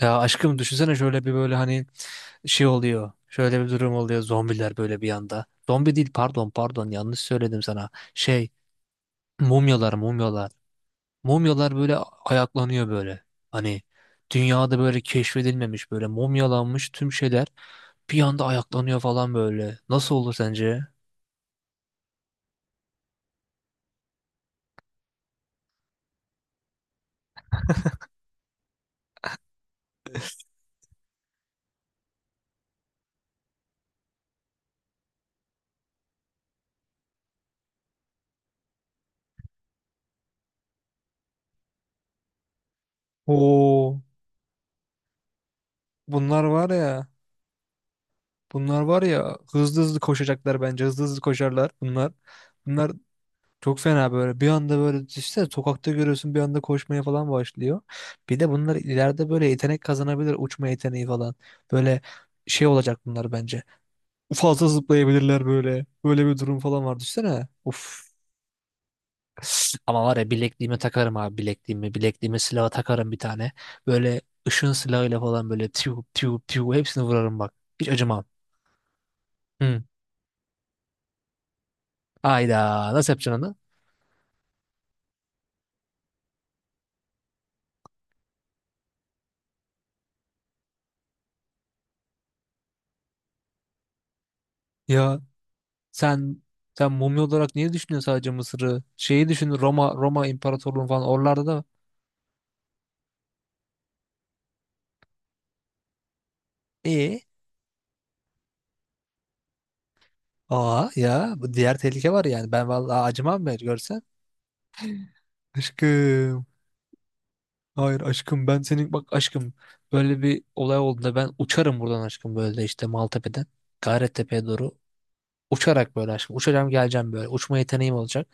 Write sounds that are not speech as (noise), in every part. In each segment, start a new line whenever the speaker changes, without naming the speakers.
Ya aşkım düşünsene şöyle bir böyle hani şey oluyor. Şöyle bir durum oluyor. Zombiler böyle bir anda. Zombi değil, pardon, pardon, yanlış söyledim sana. Şey, mumyalar, mumyalar. Mumyalar böyle ayaklanıyor böyle. Hani dünyada böyle keşfedilmemiş böyle mumyalanmış tüm şeyler bir anda ayaklanıyor falan böyle. Nasıl olur sence? Oo, bunlar var ya. Bunlar var ya, hızlı hızlı koşacaklar bence. Hızlı hızlı koşarlar bunlar. Bunlar Çok fena, böyle bir anda böyle işte sokakta görüyorsun, bir anda koşmaya falan başlıyor. Bir de bunlar ileride böyle yetenek kazanabilir, uçma yeteneği falan. Böyle şey olacak bunlar bence. Fazla zıplayabilirler böyle. Böyle bir durum falan var, düşünsene. Uf. Ama var ya, bilekliğime takarım abi, bilekliğimi. Bilekliğime silaha takarım bir tane. Böyle ışın silahıyla falan böyle tiu tiu tiu hepsini vurarım bak. Hiç acımam. Hı. Ayda nasıl yapacaksın onu? Ya Sen sen mumya olarak niye düşünüyorsun sadece Mısır'ı? Şeyi düşün, Roma, Roma İmparatorluğu falan, oralarda da. E, aa, ya bu diğer tehlike var yani. Ben vallahi acımam ben, görsen. Aşkım. Hayır aşkım, ben senin, bak aşkım, böyle bir olay olduğunda ben uçarım buradan aşkım, böyle işte Maltepe'den Gayrettepe'ye doğru uçarak, böyle aşkım uçacağım geleceğim, böyle uçma yeteneğim olacak.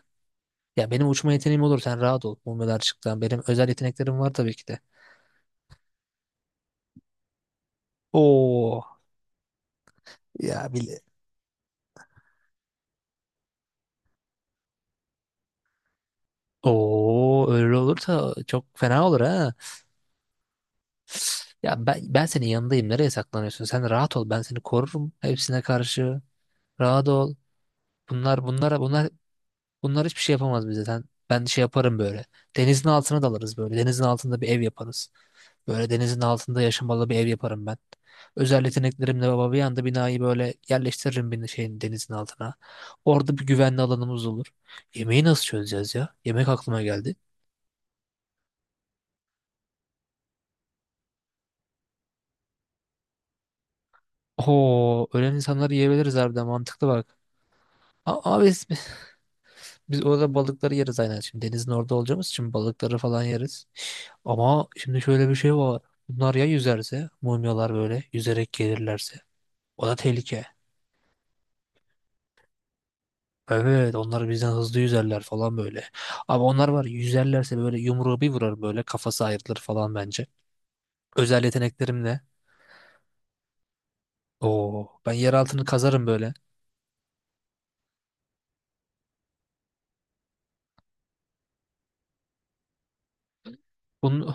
Ya benim uçma yeteneğim olur, sen rahat ol, mumyalar çıktı, benim özel yeteneklerim var tabii ki de. Oo ya bil Oo, öyle olursa çok fena olur ha. Ya ben senin yanındayım. Nereye saklanıyorsun? Sen rahat ol. Ben seni korurum hepsine karşı. Rahat ol. Bunlar bunlara bunlar bunlar hiçbir şey yapamaz bize. Sen, ben şey yaparım böyle. Denizin altına dalarız böyle. Denizin altında bir ev yaparız. Böyle denizin altında yaşamalı bir ev yaparım ben. Özel yeteneklerimle baba, bir anda binayı böyle yerleştiririm bir şeyin, denizin altına. Orada bir güvenli alanımız olur. Yemeği nasıl çözeceğiz ya? Yemek aklıma geldi. Oo, ölen insanları yiyebiliriz, harbiden mantıklı bak. Ama biz orada balıkları yeriz aynen. Şimdi denizin orada olacağımız için balıkları falan yeriz. Ama şimdi şöyle bir şey var. Bunlar ya yüzerse, mumyalar böyle yüzerek gelirlerse. O da tehlike. Evet, onlar bizden hızlı yüzerler falan böyle. Ama onlar var ya, yüzerlerse böyle yumruğu bir vurar, böyle kafası ayrılır falan bence. Özel yeteneklerimle. Oo, ben yer altını kazarım böyle. Bunun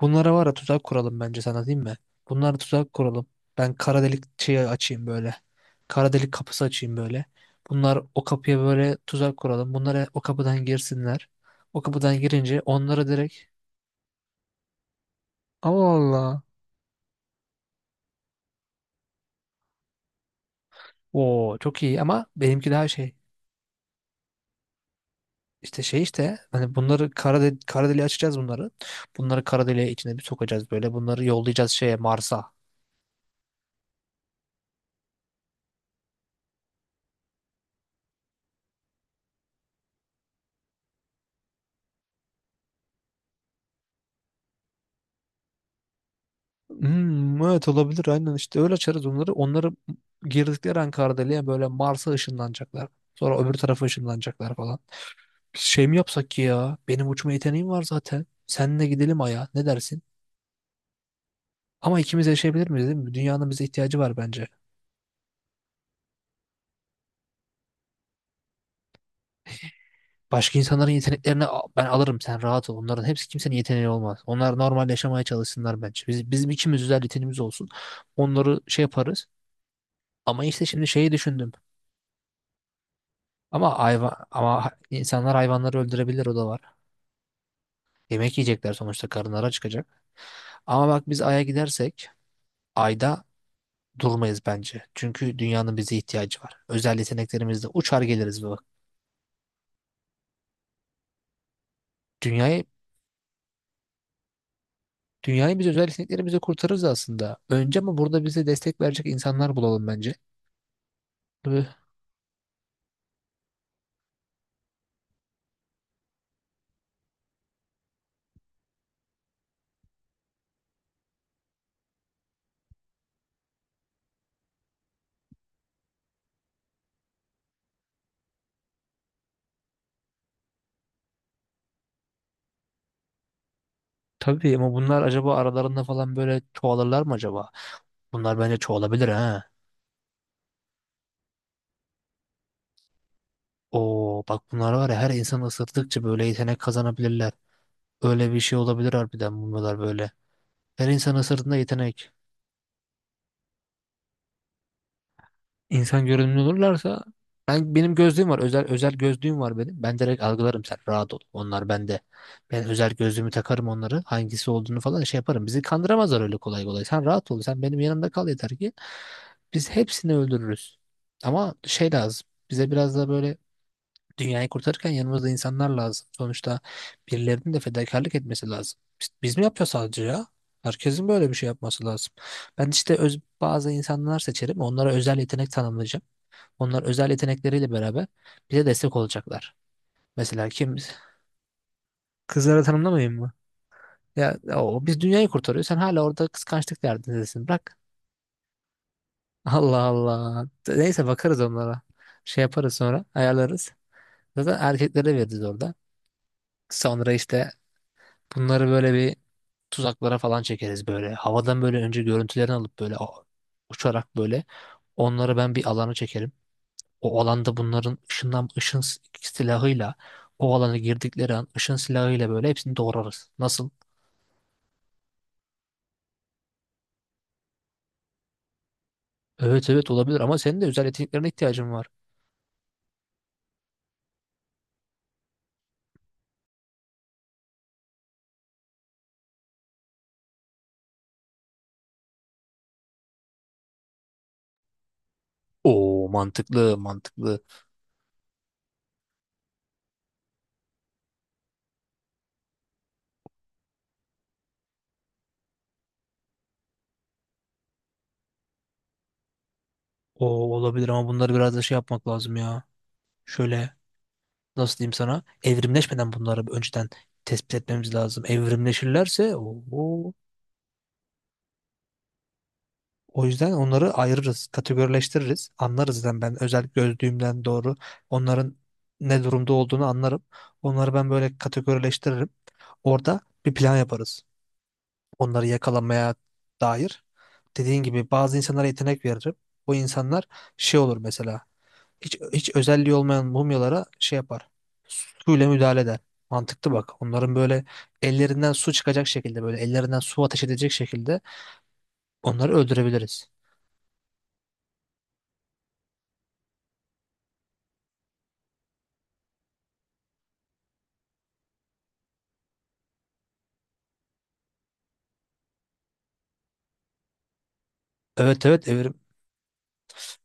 Bunlara var ya tuzak kuralım bence, sana değil mi? Bunlara tuzak kuralım. Ben kara delik şeyi açayım böyle. Kara delik kapısı açayım böyle. Bunlar o kapıya, böyle tuzak kuralım. Bunlara, o kapıdan girsinler. O kapıdan girince onlara direkt. Allah Allah. Oo çok iyi, ama benimki daha şey. İşte şey, işte hani bunları kara, de kara deliğe açacağız bunları. Bunları kara deliğe içine bir sokacağız böyle. Bunları yollayacağız şeye, Mars'a. Hmm, evet olabilir, aynen işte öyle açarız onları. Onları girdikleri an Kardeli'ye, böyle Mars'a ışınlanacaklar. Sonra öbür tarafa ışınlanacaklar falan. Biz şey mi yapsak ki ya? Benim uçma yeteneğim var zaten. Seninle gidelim Ay'a, ne dersin? Ama ikimiz yaşayabilir miyiz, değil mi? Dünyanın bize ihtiyacı var bence. Başka insanların yeteneklerini ben alırım, sen rahat ol. Onların hepsi, kimsenin yeteneği olmaz. Onlar normal yaşamaya çalışsınlar bence. Bizim ikimiz özel yeteneğimiz olsun. Onları şey yaparız. Ama işte şimdi şeyi düşündüm. Ama hayvan, ama insanlar hayvanları öldürebilir, o da var. Yemek yiyecekler sonuçta, karınlara çıkacak. Ama bak, biz Ay'a gidersek Ay'da durmayız bence. Çünkü dünyanın bize ihtiyacı var. Özel yeteneklerimizle uçar geliriz bak. Dünyayı dünyayı biz özel yeteneklerimizle kurtarırız aslında. Önce ama burada bize destek verecek insanlar bulalım bence. Tabii, tabii ama bunlar acaba aralarında falan böyle çoğalırlar mı acaba? Bunlar bence çoğalabilir ha. Oo bak, bunlar var ya, her insanı ısırttıkça böyle yetenek kazanabilirler. Öyle bir şey olabilir harbiden, bunlar böyle. Her insanı ısırdığında yetenek. İnsan görünümlü olurlarsa, ben, benim gözlüğüm var. Özel, özel gözlüğüm var benim. Ben direkt algılarım, sen rahat ol. Onlar bende. Ben özel gözlüğümü takarım onları. Hangisi olduğunu falan şey yaparım. Bizi kandıramazlar öyle kolay kolay. Sen rahat ol. Sen benim yanımda kal yeter ki biz hepsini öldürürüz. Ama şey lazım. Bize biraz da böyle dünyayı kurtarırken yanımızda insanlar lazım. Sonuçta birilerinin de fedakarlık etmesi lazım. Biz mi yapıyoruz sadece ya? Herkesin böyle bir şey yapması lazım. Ben işte bazı insanlar seçerim. Onlara özel yetenek tanımlayacağım. Onlar özel yetenekleriyle beraber bize destek olacaklar. Mesela kim Kızları tanımlamayayım mı? Ya o, biz dünyayı kurtarıyoruz. Sen hala orada kıskançlık derdindesin. Bırak. (laughs) Allah Allah. Neyse, bakarız onlara. Şey yaparız, sonra ayarlarız. Zaten erkeklere veririz orada. Sonra işte bunları böyle bir tuzaklara falan çekeriz böyle. Havadan böyle önce görüntülerini alıp böyle uçarak böyle onları ben bir alana çekerim. O alanda bunların ışın silahıyla, o alana girdikleri an ışın silahıyla böyle hepsini doğrarız. Nasıl? Evet evet, olabilir ama senin de özel yeteneklerine ihtiyacın var. Oo mantıklı, mantıklı. Oo olabilir, ama bunları biraz da şey yapmak lazım ya. Şöyle, nasıl diyeyim sana? Evrimleşmeden bunları önceden tespit etmemiz lazım. Evrimleşirlerse o. O yüzden onları ayırırız, kategorileştiririz, anlarız. Yani ben özel gözlüğümden doğru onların ne durumda olduğunu anlarım. Onları ben böyle kategorileştiririm. Orada bir plan yaparız. Onları yakalamaya dair. Dediğin gibi bazı insanlara yetenek veririm. Bu insanlar şey olur mesela. Hiç özelliği olmayan mumyalara şey yapar. Suyla müdahale eder. Mantıklı bak. Onların böyle ellerinden su çıkacak şekilde, böyle ellerinden su ateş edecek şekilde onları öldürebiliriz. Evet evet, Evrim.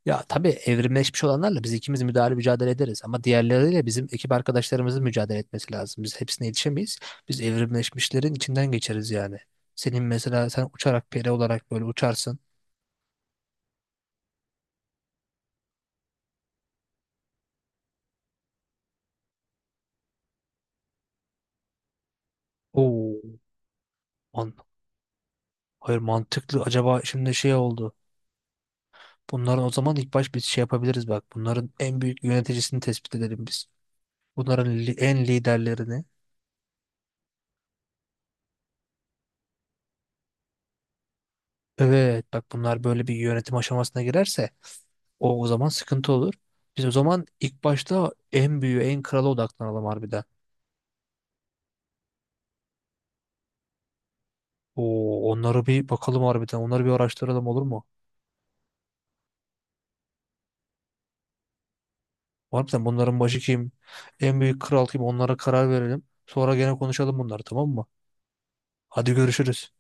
Ya tabii, evrimleşmiş olanlarla biz ikimiz müdahale, mücadele ederiz, ama diğerleriyle bizim ekip arkadaşlarımızın mücadele etmesi lazım. Biz hepsine yetişemeyiz. Biz evrimleşmişlerin içinden geçeriz yani. Senin mesela, sen uçarak, peri olarak böyle uçarsın. Oo, man hayır mantıklı. Acaba şimdi şey oldu. Bunların o zaman ilk baş biz şey yapabiliriz bak. Bunların en büyük yöneticisini tespit edelim biz. Bunların en liderlerini. Evet bak, bunlar böyle bir yönetim aşamasına girerse o zaman sıkıntı olur. Biz o zaman ilk başta en büyüğü, en krala odaklanalım harbiden. Oo, onları bir bakalım harbiden. Onları bir araştıralım, olur mu? Harbiden bunların başı kim? En büyük kral kim? Onlara karar verelim. Sonra gene konuşalım bunları, tamam mı? Hadi görüşürüz.